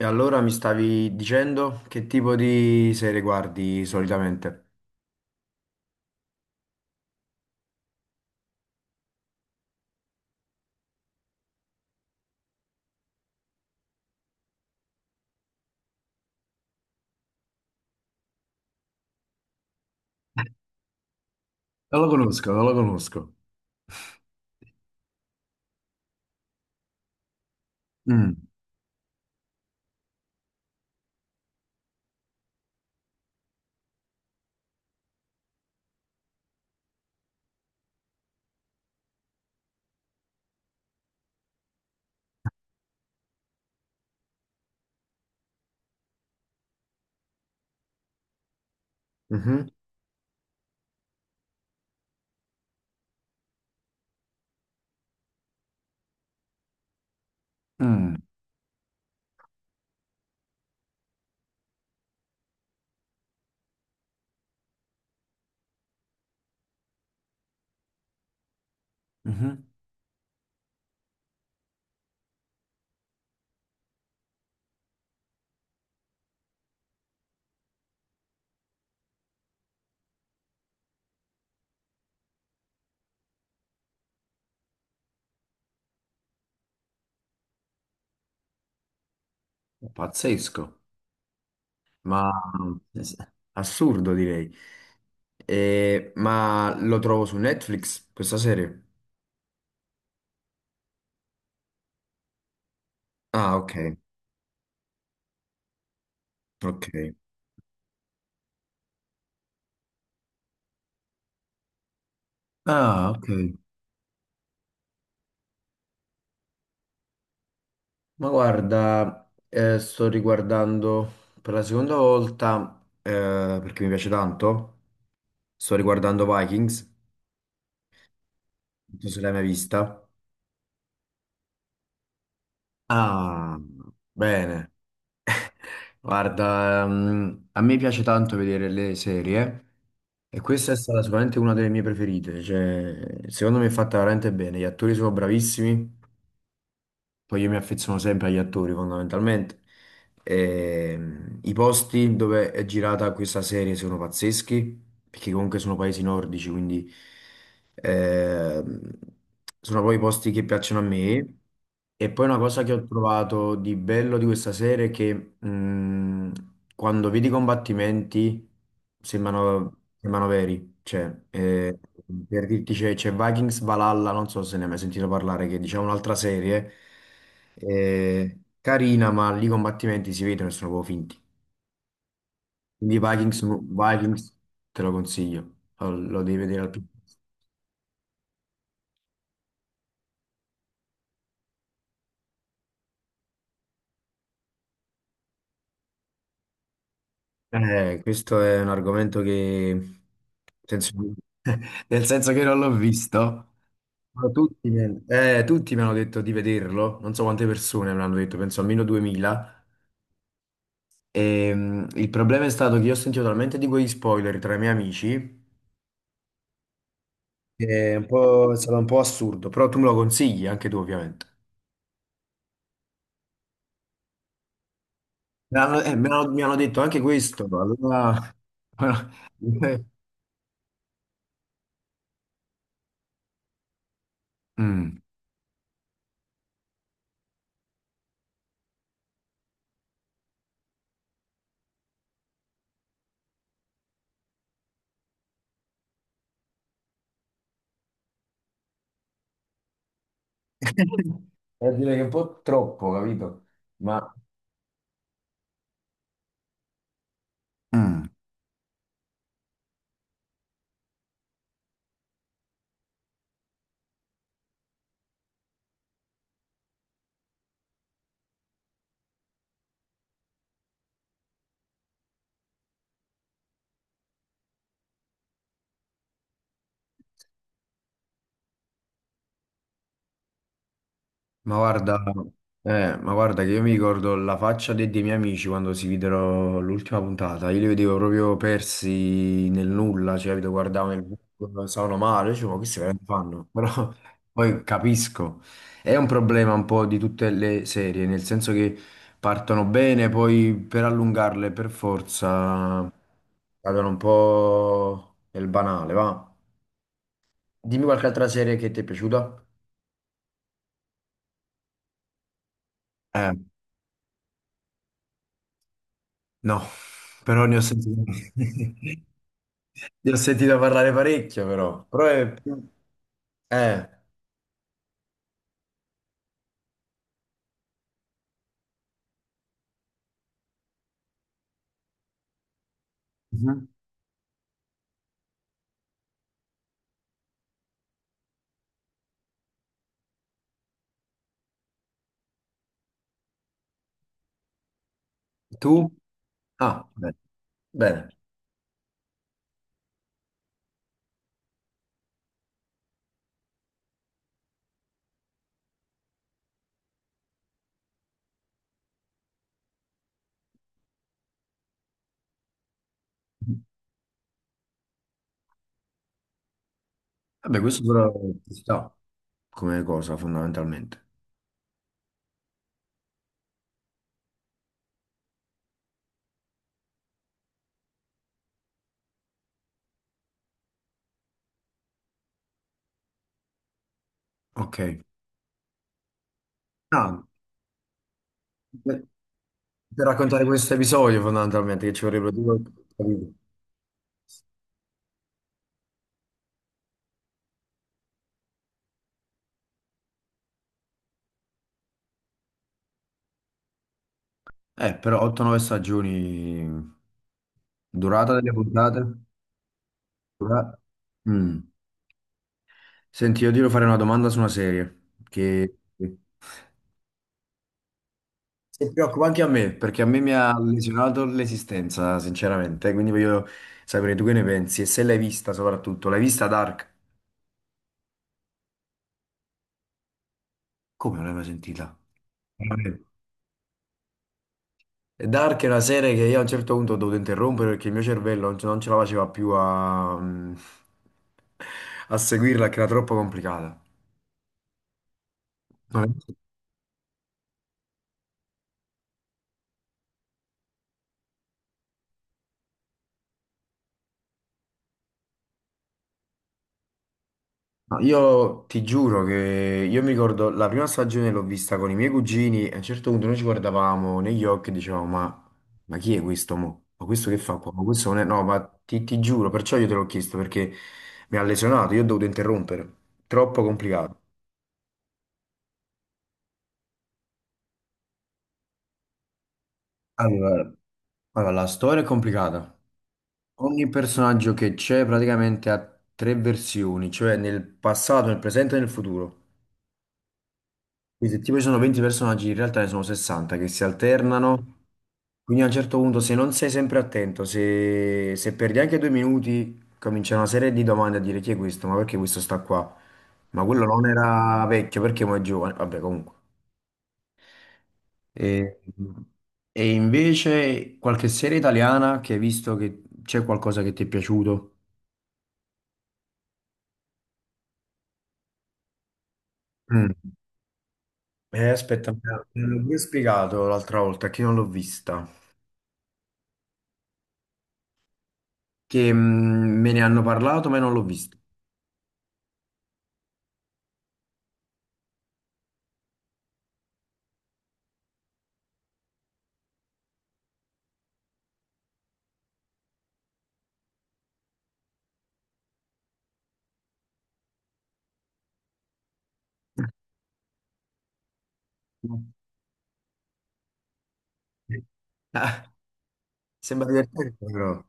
E allora mi stavi dicendo che tipo di serie guardi solitamente? Non lo conosco, non lo conosco. Mm. Mhm. Mm. Mhm. Pazzesco, ma assurdo direi. Ma lo trovo su Netflix questa serie? Ah, ok, ok. Ah, ok. Ma guarda, sto riguardando per la seconda volta, perché mi piace tanto, sto riguardando Vikings, non so se l'hai mai vista. Ah, bene. Guarda, a me piace tanto vedere le serie e questa è stata sicuramente una delle mie preferite. Cioè, secondo me è fatta veramente bene. Gli attori sono bravissimi, poi io mi affeziono sempre agli attori fondamentalmente. I posti dove è girata questa serie sono pazzeschi, perché comunque sono paesi nordici, quindi eh, sono poi i posti che piacciono a me. E poi una cosa che ho trovato di bello di questa serie è che quando vedi i combattimenti sembrano veri. Cioè, per dirti c'è Vikings Valhalla, non so se ne hai mai sentito parlare, che è diciamo un'altra serie carina, ma lì i combattimenti si vedono e sono proprio finti. Quindi Vikings te lo consiglio, lo devi vedere al più. Questo è un argomento senso- nel senso che non l'ho visto, ma tutti mi hanno detto di vederlo, non so quante persone me l'hanno detto, penso almeno 2000. E, il problema è stato che io ho sentito talmente di quegli spoiler tra i miei amici che è un è stato un po' assurdo, però tu me lo consigli, anche tu ovviamente. Mi hanno detto anche questo, allora... Mm. Devo dire che è un po' troppo, capito? Ma... Mm. Ma guarda, ma guarda che io mi ricordo la faccia dei miei amici quando si videro l'ultima puntata, io li vedevo proprio persi nel nulla, cioè capito, guardavo il buco, stavano male, dicevo, ma questi veramente fanno? Però poi capisco, è un problema un po' di tutte le serie, nel senso che partono bene, poi per allungarle per forza cadono un po' nel banale, va? Dimmi qualche altra serie che ti è piaciuta? No, però ne ho sentito, ne ho sentito parlare parecchio, però. Eh. Mhm. Tu? Ah, bene. Bene. Vabbè, questo però ci sta come cosa, fondamentalmente. Ok. Ah, per, per raccontare questo episodio, fondamentalmente, che ci vorrebbero due... capito? Però 8-9 stagioni, durata delle puntate? Dura- Mm. Senti, io ti devo fare una domanda su una serie che... Si preoccupa anche a me, perché a me mi ha lesionato l'esistenza, sinceramente. Quindi voglio sapere tu che ne pensi. E se l'hai vista, soprattutto, l'hai vista Dark? Come non l'hai mai sentita? Veramente. E Dark è una serie che io a un certo punto ho dovuto interrompere perché il mio cervello non ce la faceva più a seguirla, che era troppo complicata. Non è- No, io ti giuro che io mi ricordo la prima stagione l'ho vista con i miei cugini e a un certo punto noi ci guardavamo negli occhi e dicevamo ma chi è questo mo? Ma questo che fa qua? Ma questo non è... No, ma ti giuro, perciò io te l'ho chiesto perché mi ha lesionato, io ho dovuto interrompere. Troppo complicato. Allora, allora, la storia è complicata. Ogni personaggio che c'è praticamente ha 3 versioni, cioè nel passato, nel presente e nel futuro. Quindi se tipo ci sono 20 personaggi, in realtà ne sono 60 che si alternano. Quindi a un certo punto, se non sei sempre attento, se perdi anche 2 minuti, comincia una serie di domande a dire chi è questo, ma perché questo sta qua? Ma quello non era vecchio, perché mo è giovane? Vabbè, comunque. E, e invece qualche serie italiana che hai visto che c'è qualcosa che ti è piaciuto? Mm. Aspetta, me l'ho pure spiegato l'altra volta, che non l'ho vista. Che me ne hanno parlato, ma io non l'ho vista. Ah, sembra divertente. Però.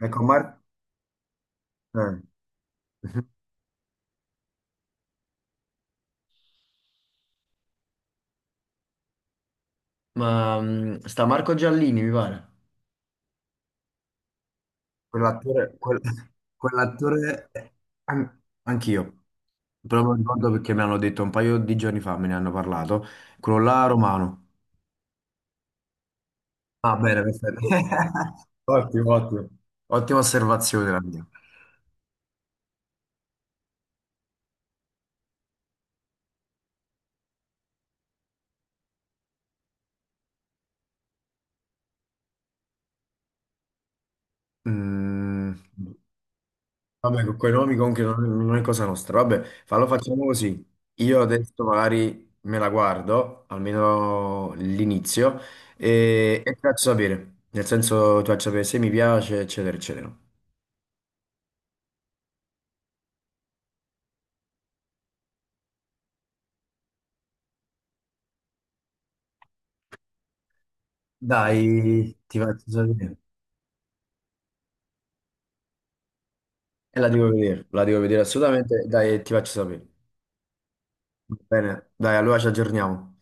Ecco, Mar- eh, Ma sta Marco Giallini, mi pare. quell'attore, quel- quell'attore, anch'io, però me lo ricordo perché mi hanno detto un paio di giorni fa, me ne hanno parlato, quello là romano. Ah, bene, perfetto. Ottimo, ottimo. Ottima osservazione la mia. Mm. Vabbè, con quei nomi comunque non è cosa nostra. Vabbè, fallo facciamo così. Io adesso magari me la guardo, almeno l'inizio, e ti faccio sapere. Nel senso, ti faccio sapere se mi piace, eccetera, eccetera. Dai, ti faccio sapere. E la devo vedere assolutamente. Dai, ti faccio sapere. Va bene, dai, allora ci aggiorniamo.